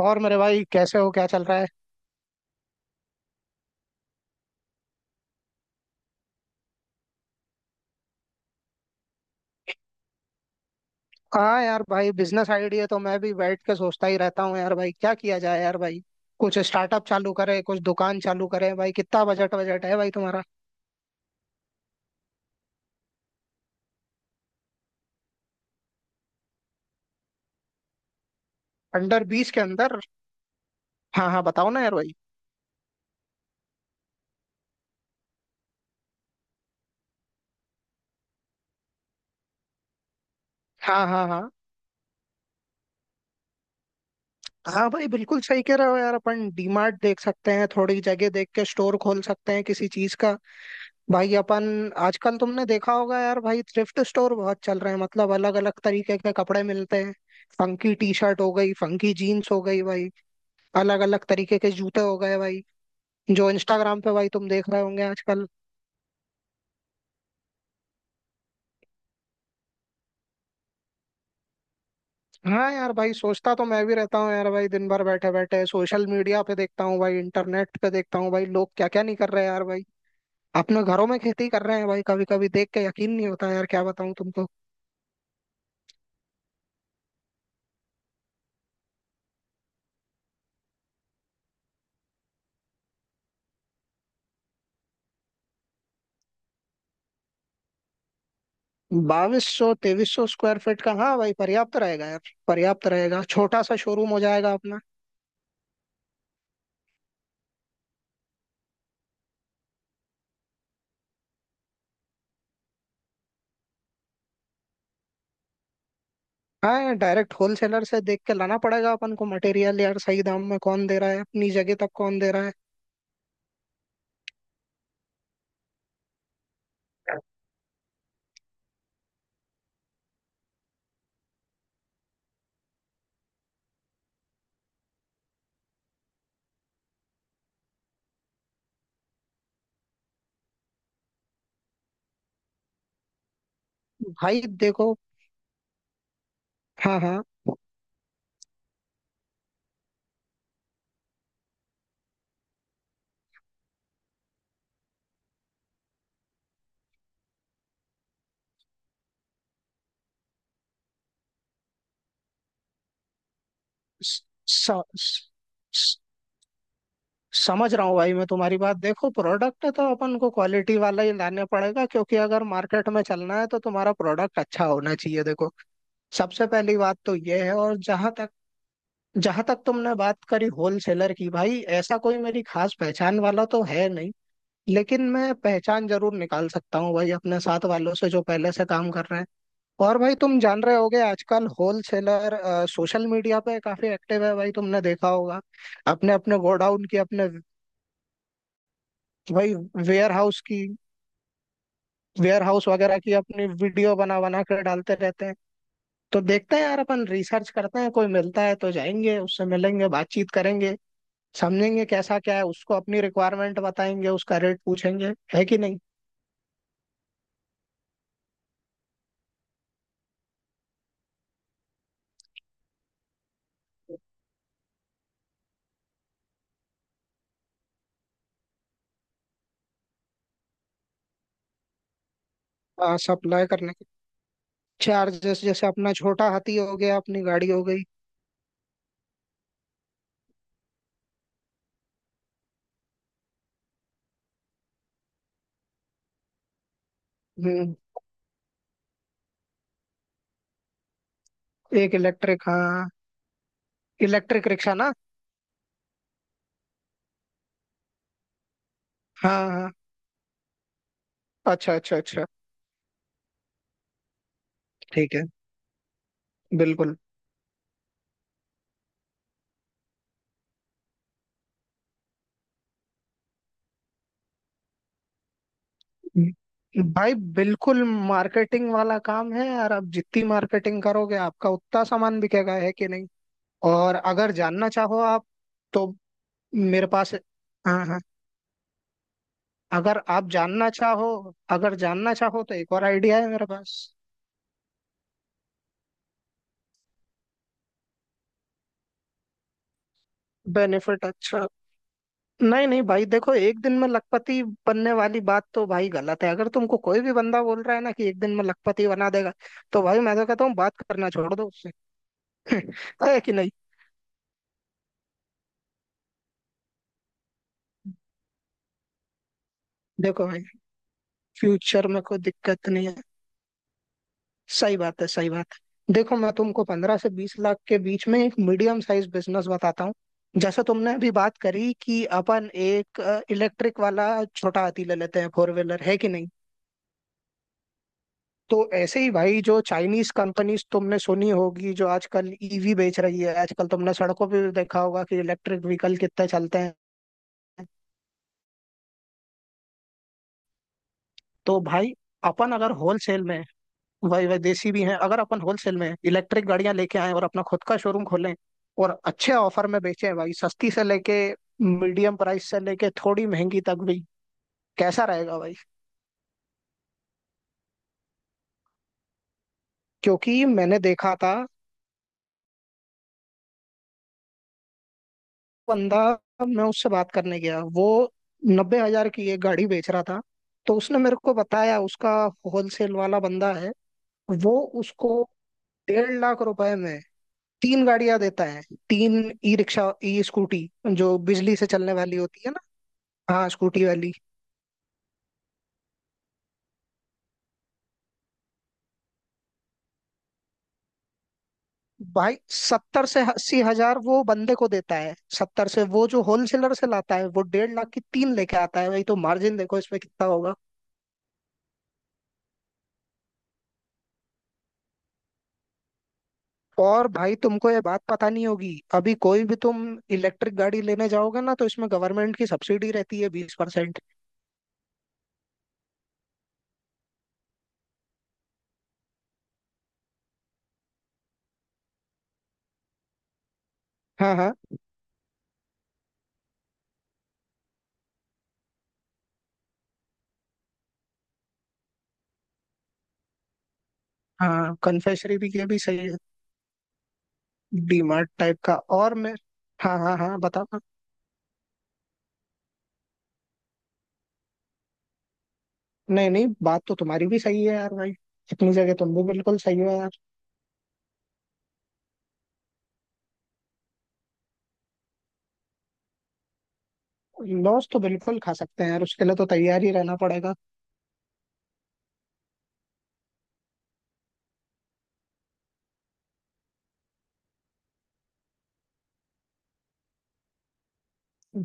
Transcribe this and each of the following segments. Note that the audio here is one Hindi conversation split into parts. और मेरे भाई कैसे हो? क्या चल रहा है? हाँ यार भाई, बिजनेस आइडिया तो मैं भी बैठ के सोचता ही रहता हूँ यार भाई, क्या किया जाए यार भाई। कुछ स्टार्टअप चालू करें, कुछ दुकान चालू करें। भाई कितना बजट बजट है भाई तुम्हारा? अंडर बीस के अंदर? हाँ हाँ, बताओ ना यार भाई। हाँ हाँ हाँ। हाँ भाई, बिल्कुल सही कह रहे हो यार। अपन डीमार्ट देख सकते हैं, थोड़ी जगह देख के स्टोर खोल सकते हैं किसी चीज का। भाई अपन, आजकल तुमने देखा होगा यार भाई, थ्रिफ्ट स्टोर बहुत चल रहे हैं। मतलब अलग अलग तरीके के कपड़े मिलते हैं, फंकी टी शर्ट हो गई, फंकी जीन्स हो गई भाई, अलग अलग तरीके के जूते हो गए भाई, जो इंस्टाग्राम पे भाई तुम देख रहे होंगे आजकल। हाँ यार भाई, सोचता तो मैं भी रहता हूँ यार भाई। दिन भर बैठे बैठे सोशल मीडिया पे देखता हूँ भाई, इंटरनेट पे देखता हूँ भाई। लोग क्या क्या नहीं कर रहे हैं यार भाई, अपने घरों में खेती कर रहे हैं भाई। कभी कभी देख के यकीन नहीं होता यार, क्या बताऊँ तुमको। 2200 2300 स्क्वायर फीट का? हाँ भाई, पर्याप्त रहेगा यार। पर्याप्त रहेगा, छोटा सा शोरूम हो जाएगा अपना। हाँ यार, डायरेक्ट होलसेलर से देख के लाना पड़ेगा अपन को मटेरियल यार। सही दाम में कौन दे रहा है, अपनी जगह तक कौन दे रहा है। भाई देखो, हाँ हाँ, स, स, स, स- समझ रहा हूँ भाई मैं तुम्हारी बात। देखो, प्रोडक्ट तो अपन को क्वालिटी वाला ही लाने पड़ेगा, क्योंकि अगर मार्केट में चलना है तो तुम्हारा प्रोडक्ट अच्छा होना चाहिए। देखो, सबसे पहली बात तो ये है। और जहां तक तुमने बात करी होलसेलर की, भाई ऐसा कोई मेरी खास पहचान वाला तो है नहीं, लेकिन मैं पहचान जरूर निकाल सकता हूँ भाई अपने साथ वालों से जो पहले से काम कर रहे हैं। और भाई तुम जान रहे होगे, आजकल होलसेलर सोशल मीडिया पे काफी एक्टिव है भाई। तुमने देखा होगा, अपने अपने गोडाउन की, अपने, भाई वेयर हाउस की, वेयर हाउस वगैरह की अपनी वीडियो बना बना कर डालते रहते हैं। तो देखते हैं यार, अपन रिसर्च करते हैं, कोई मिलता है तो जाएंगे, उससे मिलेंगे, बातचीत करेंगे, समझेंगे कैसा क्या है, उसको अपनी रिक्वायरमेंट बताएंगे, उसका रेट पूछेंगे, है कि नहीं। हाँ, सप्लाई करने के चार्जेस, जैसे अपना छोटा हाथी हो गया, अपनी गाड़ी हो गई। हम्म, एक इलेक्ट्रिक हाँ। इलेक्ट्रिक रिक्शा ना? हाँ हाँ। अच्छा अच्छा अच्छा। ठीक है। बिल्कुल। भाई बिल्कुल, मार्केटिंग वाला काम है यार। आप जितनी मार्केटिंग करोगे, आपका उतना सामान बिकेगा, है कि नहीं। और अगर जानना चाहो आप तो मेरे पास, हाँ हाँ, अगर आप जानना चाहो, अगर जानना चाहो तो एक और आइडिया है मेरे पास। बेनिफिट अच्छा, नहीं नहीं भाई, देखो, एक दिन में लखपति बनने वाली बात तो भाई गलत है। अगर तुमको कोई भी बंदा बोल रहा है ना कि एक दिन में लखपति बना देगा तो भाई मैं तो कहता हूँ बात करना छोड़ दो उससे। है कि नहीं। देखो भाई, फ्यूचर में कोई दिक्कत नहीं है, सही बात है, सही बात है। देखो, मैं तुमको 15 से 20 लाख के बीच में एक मीडियम साइज बिजनेस बताता हूँ। जैसे तुमने अभी बात करी कि अपन एक इलेक्ट्रिक वाला छोटा हाथी ले लेते हैं फोर व्हीलर, है कि नहीं। तो ऐसे ही भाई, जो चाइनीज कंपनीज तुमने सुनी होगी जो आजकल ईवी बेच रही है, आजकल तुमने सड़कों पे भी देखा होगा कि इलेक्ट्रिक व्हीकल कितने चलते हैं। तो भाई अपन अगर होलसेल में, वही वही देसी भी हैं, अगर अपन होलसेल में इलेक्ट्रिक गाड़ियां लेके आए और अपना खुद का शोरूम खोलें और अच्छे ऑफर में बेचें भाई, सस्ती से लेके मीडियम प्राइस से लेके थोड़ी महंगी तक भी, कैसा रहेगा भाई? क्योंकि मैंने देखा था, बंदा, मैं उससे बात करने गया, वो 90 हजार की एक गाड़ी बेच रहा था। तो उसने मेरे को बताया, उसका होलसेल वाला बंदा है वो, उसको 1.5 लाख रुपए में तीन गाड़ियां देता है। तीन, ई रिक्शा, ई स्कूटी, जो बिजली से चलने वाली होती है ना। हाँ, स्कूटी वाली। भाई 70 से 80 हजार वो बंदे को देता है, सत्तर से। वो जो होलसेलर से लाता है, वो 1.5 लाख की तीन लेके आता है भाई। तो मार्जिन देखो इसमें कितना होगा। और भाई तुमको ये बात पता नहीं होगी, अभी कोई भी तुम इलेक्ट्रिक गाड़ी लेने जाओगे ना तो इसमें गवर्नमेंट की सब्सिडी रहती है 20%। हाँ हाँ हाँ, कन्फेक्शनरी भी, ये भी सही है। डीमार्ट टाइप का, और मैं, हाँ हाँ हाँ, बताओ ना। नहीं नहीं, बात तो तुम्हारी भी सही है यार भाई, इतनी जगह तुम भी बिल्कुल सही हो यार। लॉस तो बिल्कुल खा सकते हैं यार, उसके लिए तो तैयार ही रहना पड़ेगा।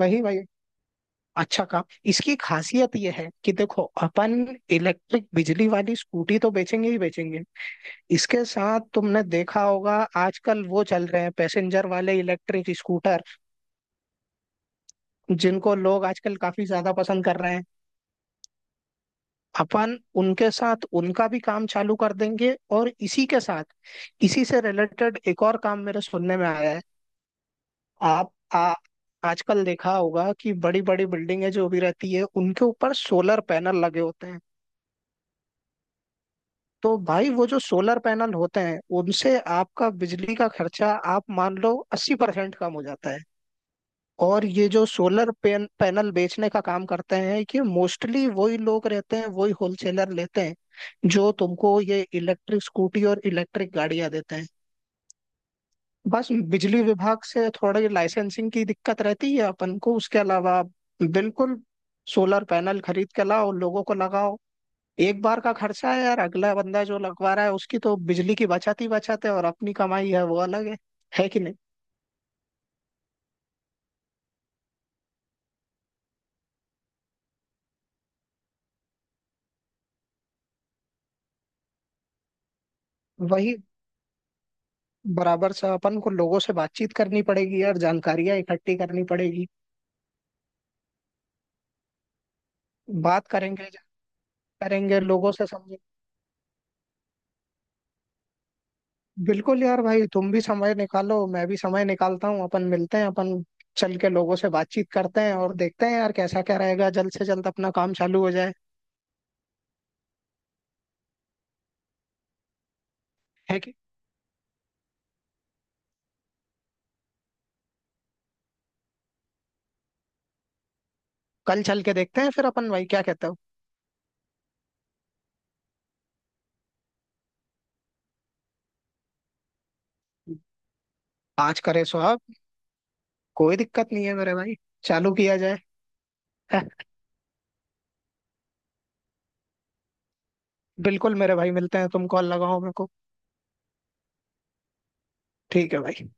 वही भाई, अच्छा काम, इसकी खासियत यह है कि देखो अपन इलेक्ट्रिक बिजली वाली स्कूटी तो बेचेंगे ही बेचेंगे। इसके साथ तुमने देखा होगा आजकल वो चल रहे हैं पैसेंजर वाले इलेक्ट्रिक स्कूटर, जिनको लोग आजकल काफी ज्यादा पसंद कर रहे हैं। अपन उनके साथ उनका भी काम चालू कर देंगे, और इसी के साथ इसी से रिलेटेड एक और काम मेरे सुनने में आया है। आप आ, आजकल देखा होगा कि बड़ी बड़ी बिल्डिंगें जो भी रहती है उनके ऊपर सोलर पैनल लगे होते हैं। तो भाई वो जो सोलर पैनल होते हैं उनसे आपका बिजली का खर्चा, आप मान लो, 80% कम हो जाता है। और ये जो पैनल बेचने का काम करते हैं, कि मोस्टली वही लोग रहते हैं, वही होलसेलर लेते हैं जो तुमको ये इलेक्ट्रिक स्कूटी और इलेक्ट्रिक गाड़ियां देते हैं। बस बिजली विभाग से थोड़ी लाइसेंसिंग की दिक्कत रहती है अपन को, उसके अलावा बिल्कुल, सोलर पैनल खरीद के लाओ, लोगों को लगाओ। एक बार का खर्चा है यार, अगला बंदा जो लगवा रहा है उसकी तो बिजली की बचत ही बचत है, और अपनी कमाई है वो अलग है कि नहीं। वही, बराबर से अपन को लोगों से बातचीत करनी पड़ेगी यार, जानकारियां इकट्ठी करनी पड़ेगी। बात करेंगे, करेंगे लोगों से, समझे? बिल्कुल यार भाई, तुम भी समय निकालो, मैं भी समय निकालता हूँ। अपन मिलते हैं, अपन चल के लोगों से बातचीत करते हैं, और देखते हैं यार कैसा क्या रहेगा, जल्द से जल्द अपना काम चालू हो जाए। है कि कल चल के देखते हैं फिर अपन भाई, क्या कहते हो? आज करे सो आप, कोई दिक्कत नहीं है मेरे भाई, चालू किया जाए। है, बिल्कुल मेरे भाई, मिलते हैं। तुम कॉल लगाओ मेरे को। ठीक है भाई।